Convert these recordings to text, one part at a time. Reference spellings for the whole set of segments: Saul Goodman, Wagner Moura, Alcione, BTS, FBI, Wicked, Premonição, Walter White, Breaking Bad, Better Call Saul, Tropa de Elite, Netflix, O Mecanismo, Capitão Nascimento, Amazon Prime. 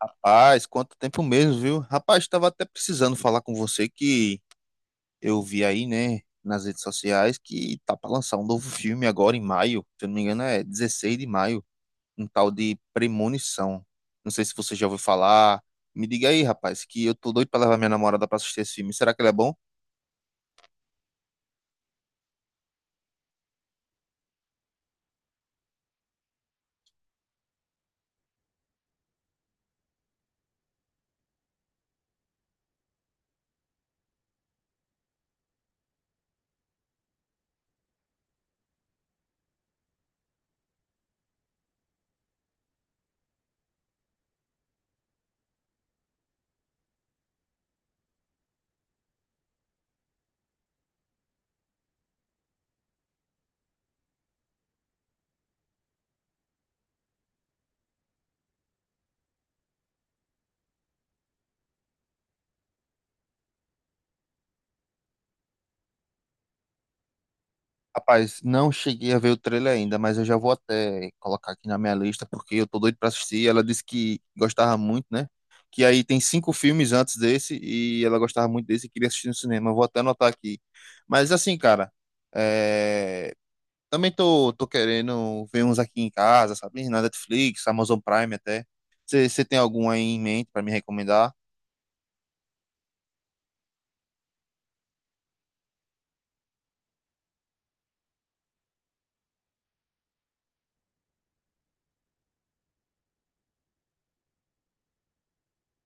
Rapaz, quanto tempo mesmo, viu? Rapaz, estava até precisando falar com você que eu vi aí, né, nas redes sociais que tá para lançar um novo filme agora em maio. Se eu não me engano, é 16 de maio, um tal de Premonição. Não sei se você já ouviu falar. Me diga aí, rapaz, que eu tô doido para levar minha namorada para assistir esse filme. Será que ele é bom? Rapaz, não cheguei a ver o trailer ainda, mas eu já vou até colocar aqui na minha lista, porque eu tô doido pra assistir. Ela disse que gostava muito, né? Que aí tem cinco filmes antes desse, e ela gostava muito desse e queria assistir no cinema. Eu vou até anotar aqui. Mas assim, cara, é, também tô querendo ver uns aqui em casa, sabe? Na Netflix, Amazon Prime até. Você tem algum aí em mente pra me recomendar?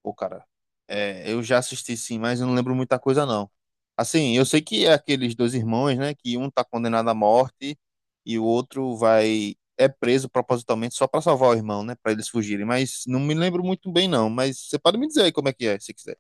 Pô, cara, eu já assisti, sim, mas eu não lembro muita coisa, não. Assim, eu sei que é aqueles dois irmãos, né, que um tá condenado à morte e o outro vai é preso propositalmente só pra salvar o irmão, né, pra eles fugirem, mas não me lembro muito bem, não, mas você pode me dizer aí como é que é, se quiser.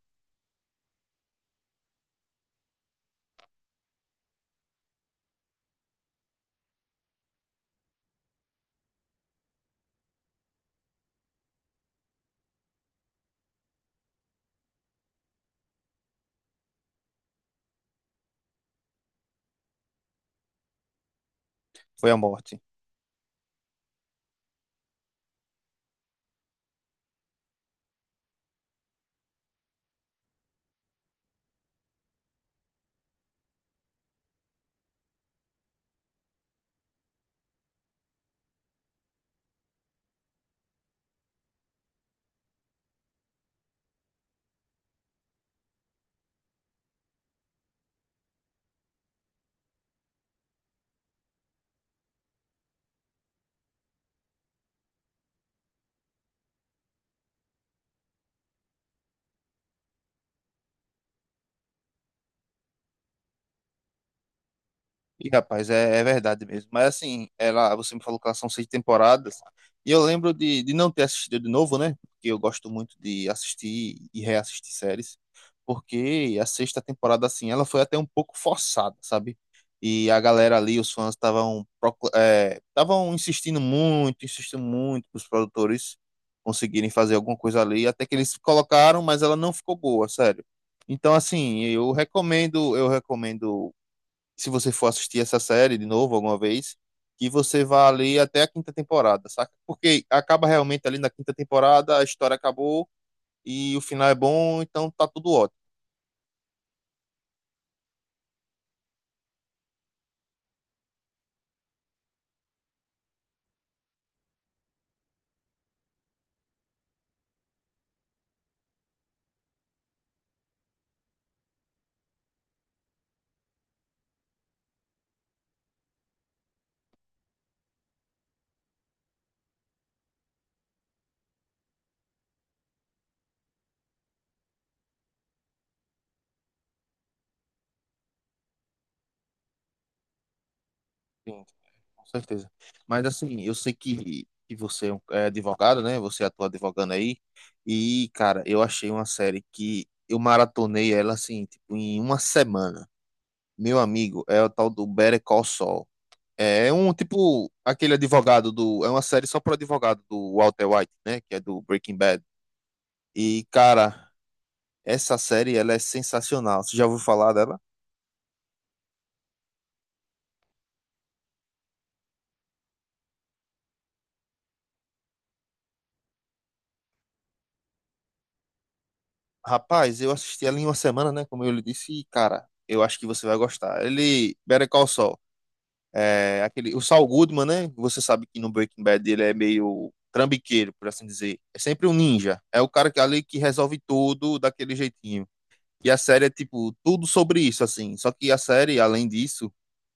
Foi a morte. E, rapaz, é verdade mesmo. Mas assim, ela, você me falou que elas são 6 temporadas. E eu lembro de não ter assistido de novo, né? Porque eu gosto muito de assistir e reassistir séries. Porque a sexta temporada, assim, ela foi até um pouco forçada, sabe? E a galera ali, os fãs, é, estavam insistindo muito para os produtores conseguirem fazer alguma coisa ali. Até que eles colocaram, mas ela não ficou boa, sério. Então, assim, eu recomendo se você for assistir essa série de novo alguma vez, que você vá ali até a quinta temporada, saca? Porque acaba realmente ali na quinta temporada, a história acabou e o final é bom, então tá tudo ótimo. Sim, com certeza. Mas assim, eu sei que é advogado, né? Você atua advogando aí. E, cara, eu achei uma série que eu maratonei ela assim, tipo, em uma semana. Meu amigo, é o tal do Better Call Saul. É um tipo aquele advogado do. É uma série só pro advogado do Walter White, né? Que é do Breaking Bad. E, cara, essa série ela é sensacional. Você já ouviu falar dela? Rapaz, eu assisti ela em uma semana, né? Como eu lhe disse, e, cara, eu acho que você vai gostar. Ele. Better Call Saul. É aquele. O Saul Goodman, né? Você sabe que no Breaking Bad ele é meio trambiqueiro, por assim dizer. É sempre um ninja. É o cara que ali que resolve tudo daquele jeitinho. E a série é, tipo, tudo sobre isso, assim. Só que a série, além disso.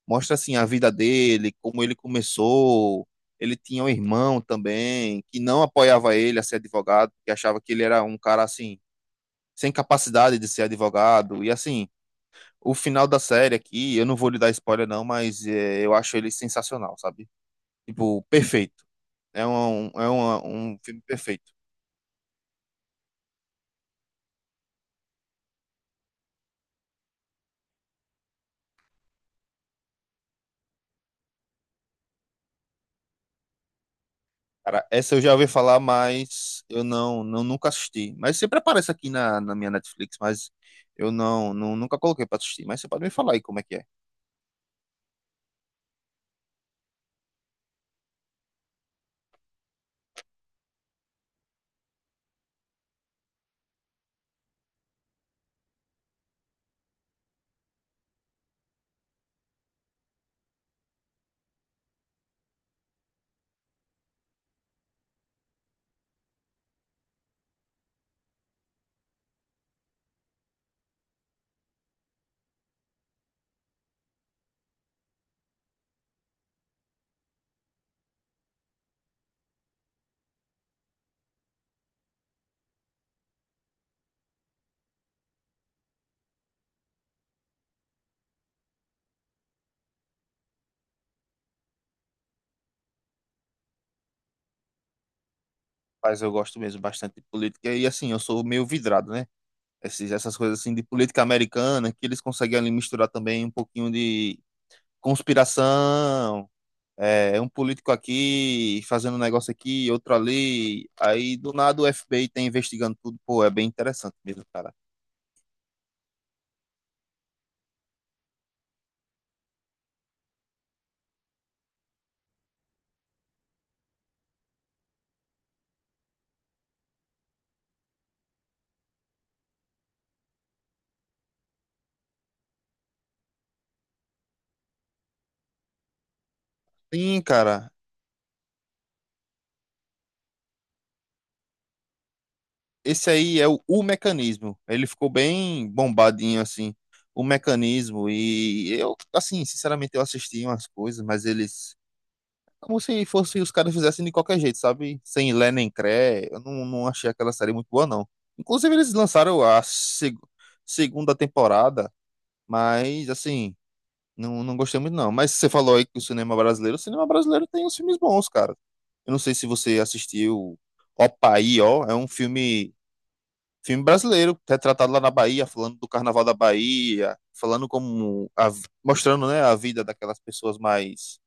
Mostra assim a vida dele, como ele começou. Ele tinha um irmão também que não apoiava ele a ser advogado, porque achava que ele era um cara assim sem capacidade de ser advogado. E assim, o final da série aqui, eu não vou lhe dar spoiler, não, mas eu acho ele sensacional, sabe? Tipo, perfeito. Um filme perfeito. Cara, essa eu já ouvi falar, mas eu não nunca assisti. Mas sempre aparece aqui na minha Netflix, mas eu não nunca coloquei pra assistir. Mas você pode me falar aí como é que é. Mas eu gosto mesmo bastante de política e assim, eu sou meio vidrado, né? Essas coisas assim de política americana que eles conseguem ali misturar também um pouquinho de conspiração, é um político aqui fazendo um negócio aqui, outro ali, aí do nada o FBI tá investigando tudo, pô, é bem interessante mesmo, cara. Sim, cara, esse aí é o mecanismo. Ele ficou bem bombadinho assim, o mecanismo e eu, assim, sinceramente eu assisti umas coisas, mas eles como se fosse os caras fizessem de qualquer jeito, sabe? Sem lé nem cré. Eu não achei aquela série muito boa, não. Inclusive, eles lançaram a segunda temporada, mas assim, não gostei muito, não. Mas você falou aí que o cinema brasileiro tem uns filmes bons, cara. Eu não sei se você assistiu Opa aí, ó. É um filme, filme brasileiro, retratado lá na Bahia, falando do Carnaval da Bahia, falando como. Mostrando, né, a vida daquelas pessoas mais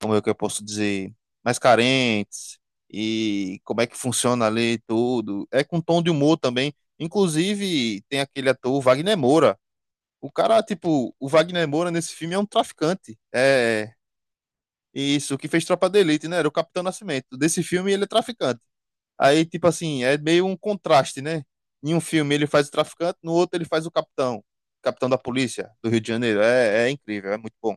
como é que eu posso dizer, mais carentes, e como é que funciona ali tudo. É com tom de humor também. Inclusive, tem aquele ator, Wagner Moura. O cara, tipo, o Wagner Moura nesse filme é um traficante. É isso, que fez Tropa de Elite, né? Era o Capitão Nascimento. Desse filme ele é traficante. Aí, tipo assim, é meio um contraste, né? Em um filme ele faz o traficante, no outro ele faz o capitão. Capitão da polícia do Rio de Janeiro. É, é incrível, é muito bom.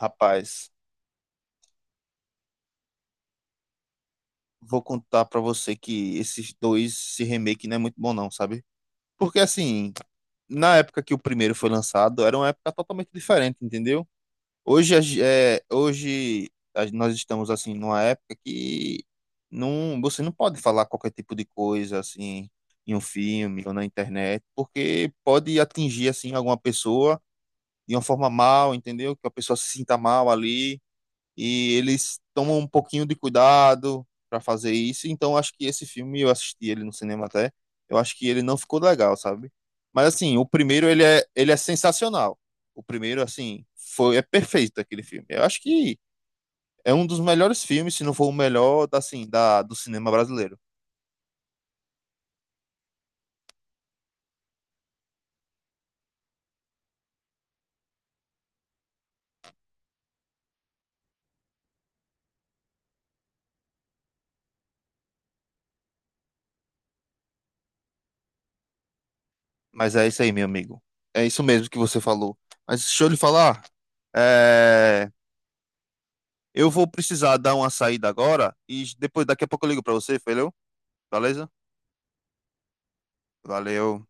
Rapaz, vou contar pra você que esses dois, esse remake não é muito bom, não, sabe? Porque assim, na época que o primeiro foi lançado, era uma época totalmente diferente, entendeu? Hoje, é, hoje nós estamos assim numa época que não, você não pode falar qualquer tipo de coisa assim em um filme ou na internet, porque pode atingir assim alguma pessoa de uma forma mal, entendeu? Que a pessoa se sinta mal ali e eles tomam um pouquinho de cuidado para fazer isso. Então, acho que esse filme, eu assisti ele no cinema até, eu acho que ele não ficou legal, sabe? Mas assim, o primeiro ele é sensacional. O primeiro, assim, foi é perfeito aquele filme. Eu acho que é um dos melhores filmes, se não for o melhor, assim, da, do cinema brasileiro. Mas é isso aí, meu amigo. É isso mesmo que você falou. Mas deixa eu lhe falar. é, Eu vou precisar dar uma saída agora e depois, daqui a pouco eu ligo pra você, valeu? Beleza? Valeu.